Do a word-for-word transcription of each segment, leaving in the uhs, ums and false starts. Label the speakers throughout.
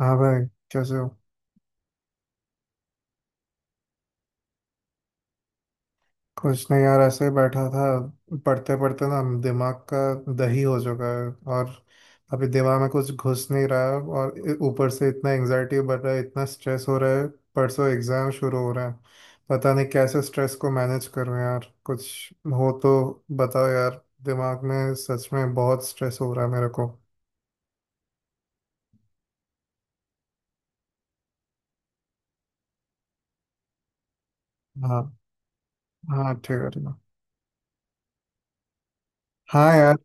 Speaker 1: हाँ भाई। कैसे हो? कुछ नहीं यार, ऐसे ही बैठा था। पढ़ते पढ़ते ना दिमाग का दही हो चुका है। और अभी दिमाग में कुछ घुस नहीं रहा है और इ- ऊपर से इतना एंजाइटी बढ़ रहा है, इतना स्ट्रेस हो रहा है। परसों एग्जाम शुरू हो रहा है। पता नहीं कैसे स्ट्रेस को मैनेज करूँ यार। कुछ हो तो बताओ यार, दिमाग में सच में बहुत स्ट्रेस हो रहा है मेरे को। हाँ। हाँ ठीक है ठीक है। हाँ यार।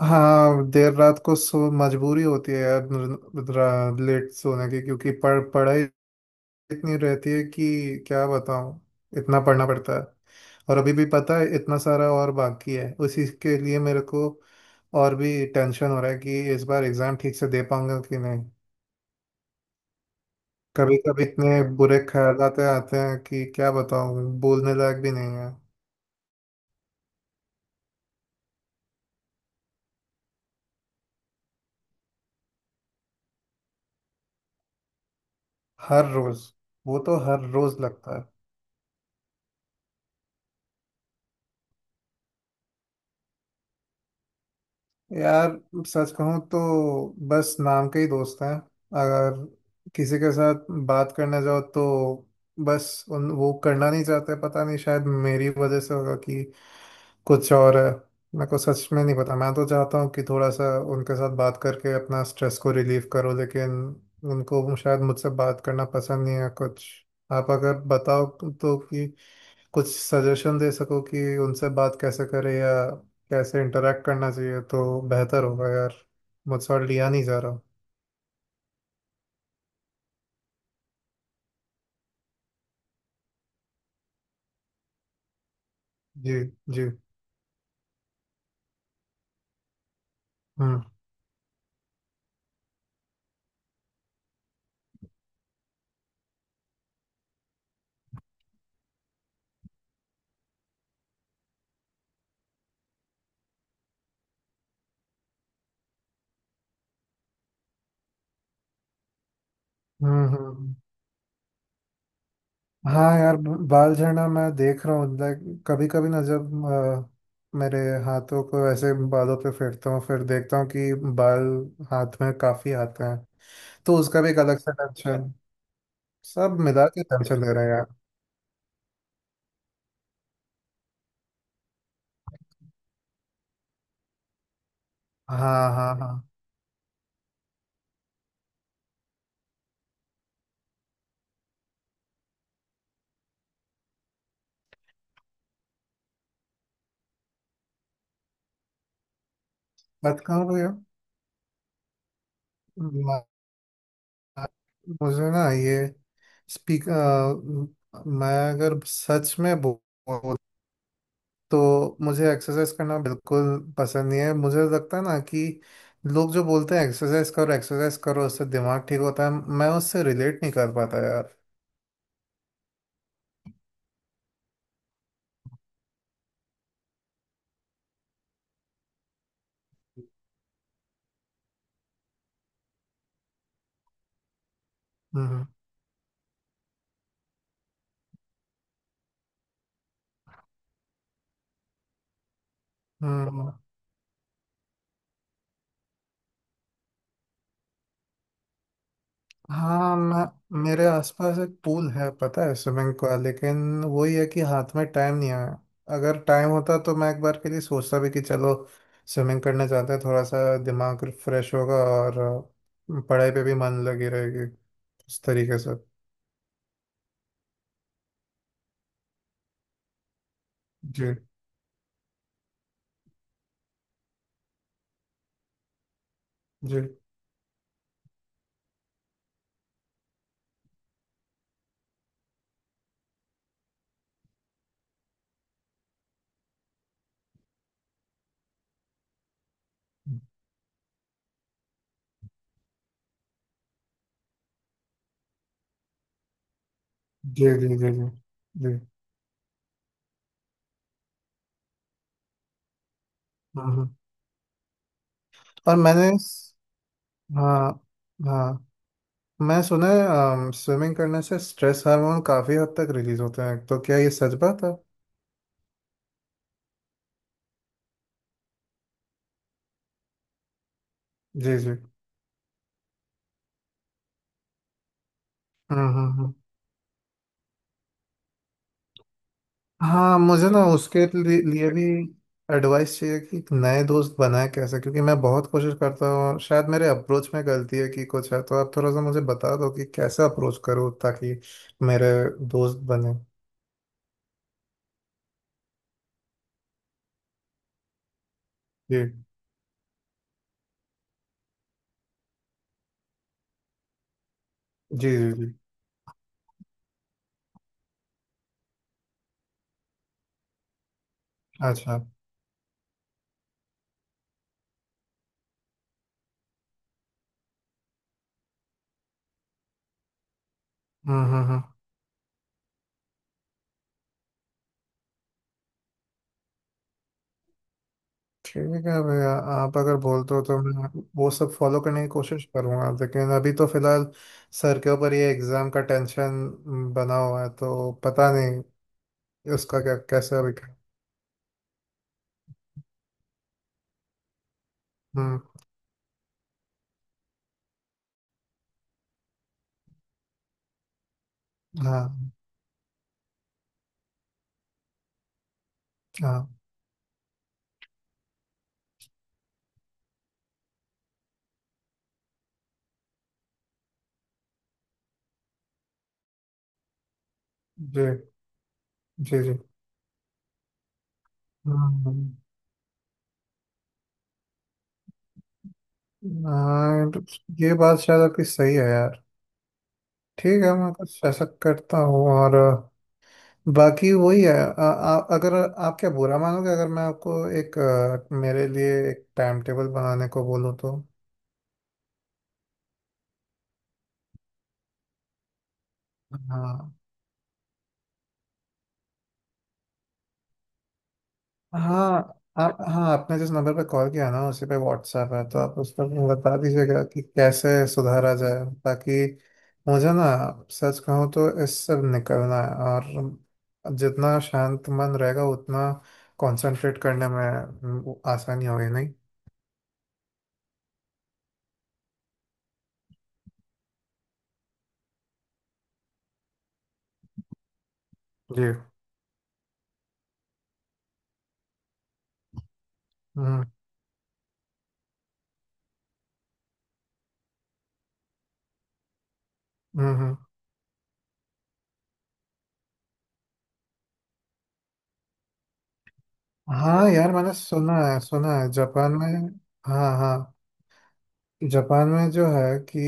Speaker 1: हाँ देर रात को सो मजबूरी होती है यार र- र- लेट सोने की, क्योंकि पढ़ पढ़ाई इतनी रहती है कि क्या बताऊँ। इतना पढ़ना पड़ता है। और अभी भी पता है इतना सारा और बाकी है, उसी के लिए मेरे को और भी टेंशन हो रहा है कि इस बार एग्ज़ाम ठीक से दे पाऊंगा कि नहीं। कभी कभी इतने बुरे ख्याल आते हैं कि क्या बताऊँ, बोलने लायक भी नहीं है। हर रोज़। वो तो हर रोज़ लगता है। यार सच कहूँ तो बस नाम के ही दोस्त हैं। अगर किसी के साथ बात करने जाओ तो बस उन वो करना नहीं चाहते। पता नहीं शायद मेरी वजह से होगा कि कुछ और है, मेरे को सच में नहीं पता। मैं तो चाहता हूँ कि थोड़ा सा उनके साथ बात करके अपना स्ट्रेस को रिलीव करो, लेकिन उनको शायद मुझसे बात करना पसंद नहीं है कुछ। आप अगर बताओ तो कि कुछ सजेशन दे सको कि उनसे बात कैसे करें या कैसे इंटरेक्ट करना चाहिए तो बेहतर होगा यार। मुझसे और लिया नहीं जा रहा। जी। जी। हम्म हम्म। हम्म। हाँ यार, ब- बाल झड़ना मैं देख रहा हूँ लाइक कभी कभी ना, जब अ, मेरे हाथों को ऐसे बालों पे फेरता हूँ फिर देखता हूँ कि बाल हाथ में काफी आते हैं। तो उसका भी एक अलग से टेंशन। सब मिला के टेंशन ले रहे हैं यार। हाँ हाँ हाँ। मत कहो भैया। मुझे ना ये स्पीक। मैं अगर सच में बोलूँ तो मुझे एक्सरसाइज करना बिल्कुल पसंद नहीं है। मुझे लगता है ना कि लोग जो बोलते हैं एक्सरसाइज करो एक्सरसाइज करो उससे दिमाग ठीक होता है, मैं उससे रिलेट नहीं कर पाता यार। हम्म। हम्म। हाँ मैं, मेरे आसपास एक पूल है पता है स्विमिंग का, लेकिन वही है कि हाथ में टाइम नहीं है। अगर टाइम होता तो मैं एक बार के लिए सोचता भी कि चलो स्विमिंग करने जाते हैं, थोड़ा सा दिमाग फ्रेश होगा और अ, पढ़ाई पे भी मन लगी रहेगी उस तरीके से। जी जी जी जी। जी जी जी। हम्म हम्म। और मैंने। हाँ। हाँ। मैं सुना है स्विमिंग करने से स्ट्रेस हार्मोन काफी हद तक रिलीज होते हैं, तो क्या ये सच बात है? जी जी। हम्म हम्म, हम्म। हाँ मुझे ना उसके लि- लिए भी एडवाइस चाहिए कि एक नए दोस्त बनाए कैसे, क्योंकि मैं बहुत कोशिश करता हूँ और शायद मेरे अप्रोच में गलती है कि कुछ है, तो आप थोड़ा सा मुझे बता दो कि कैसे अप्रोच करूँ ताकि मेरे दोस्त बने। जी जी जी जी। अच्छा। हम्म हम्म हम्म। ठीक है भैया, आप अगर बोलते हो तो मैं वो सब फॉलो करने की कोशिश करूँगा, लेकिन अभी तो फिलहाल सर के ऊपर ये एग्ज़ाम का टेंशन बना हुआ है, तो पता नहीं उसका क्या कैसे अभी। हम्म। हाँ। हाँ। जी जी जी। हम्म, हाँ तो ये बात शायद आपकी सही है यार। ठीक है मैं कुछ ऐसा करता हूँ और अ, बाकी वही है। अ, आ, अगर आप क्या बुरा मानोगे, अगर मैं आपको एक अ, मेरे लिए एक टाइम टेबल बनाने को बोलूँ तो? हाँ। हाँ आप हाँ, आपने जिस नंबर पे कॉल किया ना उसी पे व्हाट्सएप है, तो आप उस पर बता दीजिएगा कि कैसे सुधारा जाए ताकि मुझे ना सच कहूँ तो इससे निकलना है, और जितना शांत मन रहेगा उतना कंसंट्रेट करने में हम्म, आसानी होगी नहीं। जी। हम्म हम्म हम्म। हाँ यार मैंने सुना है सुना है जापान में। हाँ हाँ, जापान में जो है कि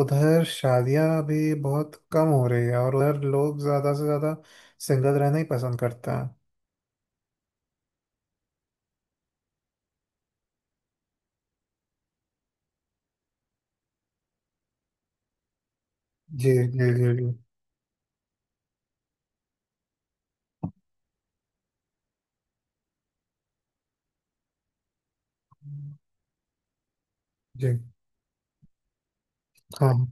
Speaker 1: उधर शादियां अभी बहुत कम हो रही है और उधर लोग ज्यादा से ज्यादा सिंगल रहना ही पसंद करते हैं। जी जी जी जी। जी। हाँ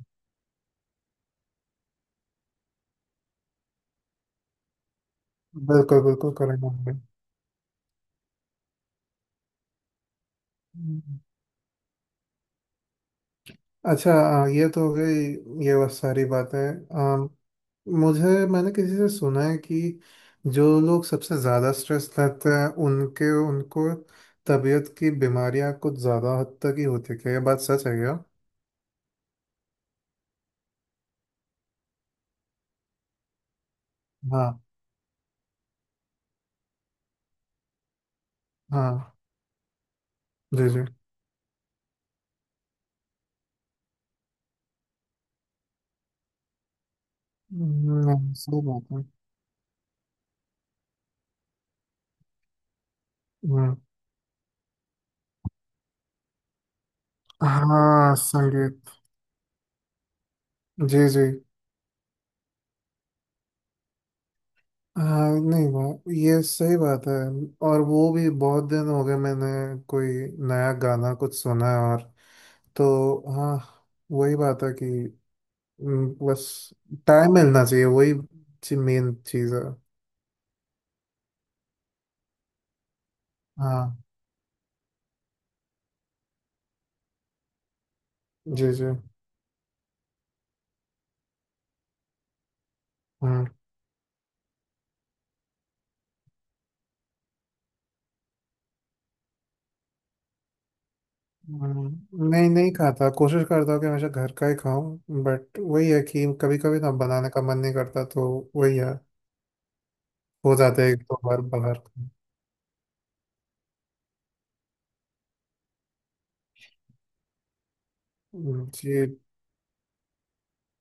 Speaker 1: बिल्कुल बिल्कुल करेंगे हम भी। हम्म। अच्छा आ, ये तो हो गई ये बस सारी बातें। आ, मुझे, मैंने किसी से सुना है कि जो लोग सबसे ज़्यादा स्ट्रेस लेते हैं उनके उनको तबीयत की बीमारियां कुछ ज़्यादा हद तक ही होती है, क्या ये बात सच है क्या? हाँ। हाँ। जी जी। हम्म, सही बात है। हम्म। हाँ संगीत। जी जी। हाँ नहीं वो ये सही बात है। और वो भी बहुत दिन हो गए मैंने कोई नया गाना कुछ सुना है। और तो हाँ, वही बात है कि हम्म, बस टाइम मिलना चाहिए। वही मेन चीज़ है। हाँ। जी जी। हम्म। हम्म, नहीं नहीं खाता, कोशिश करता हूँ कि हमेशा घर का ही खाऊं, बट वही है कि कभी कभी ना बनाने का मन नहीं करता तो वही है, हो जाता है एक दो बार बाहर। हम्म, जी।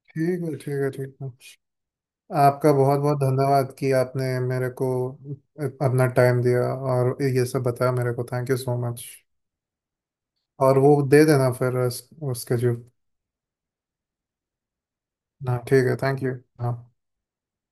Speaker 1: ठीक है ठीक है ठीक है। आपका बहुत बहुत धन्यवाद कि आपने मेरे को अपना टाइम दिया और ये सब बताया मेरे को। Thank you so much. और वो दे देना फिर उस, उसके जो। हाँ ठीक है, थैंक यू। हाँ।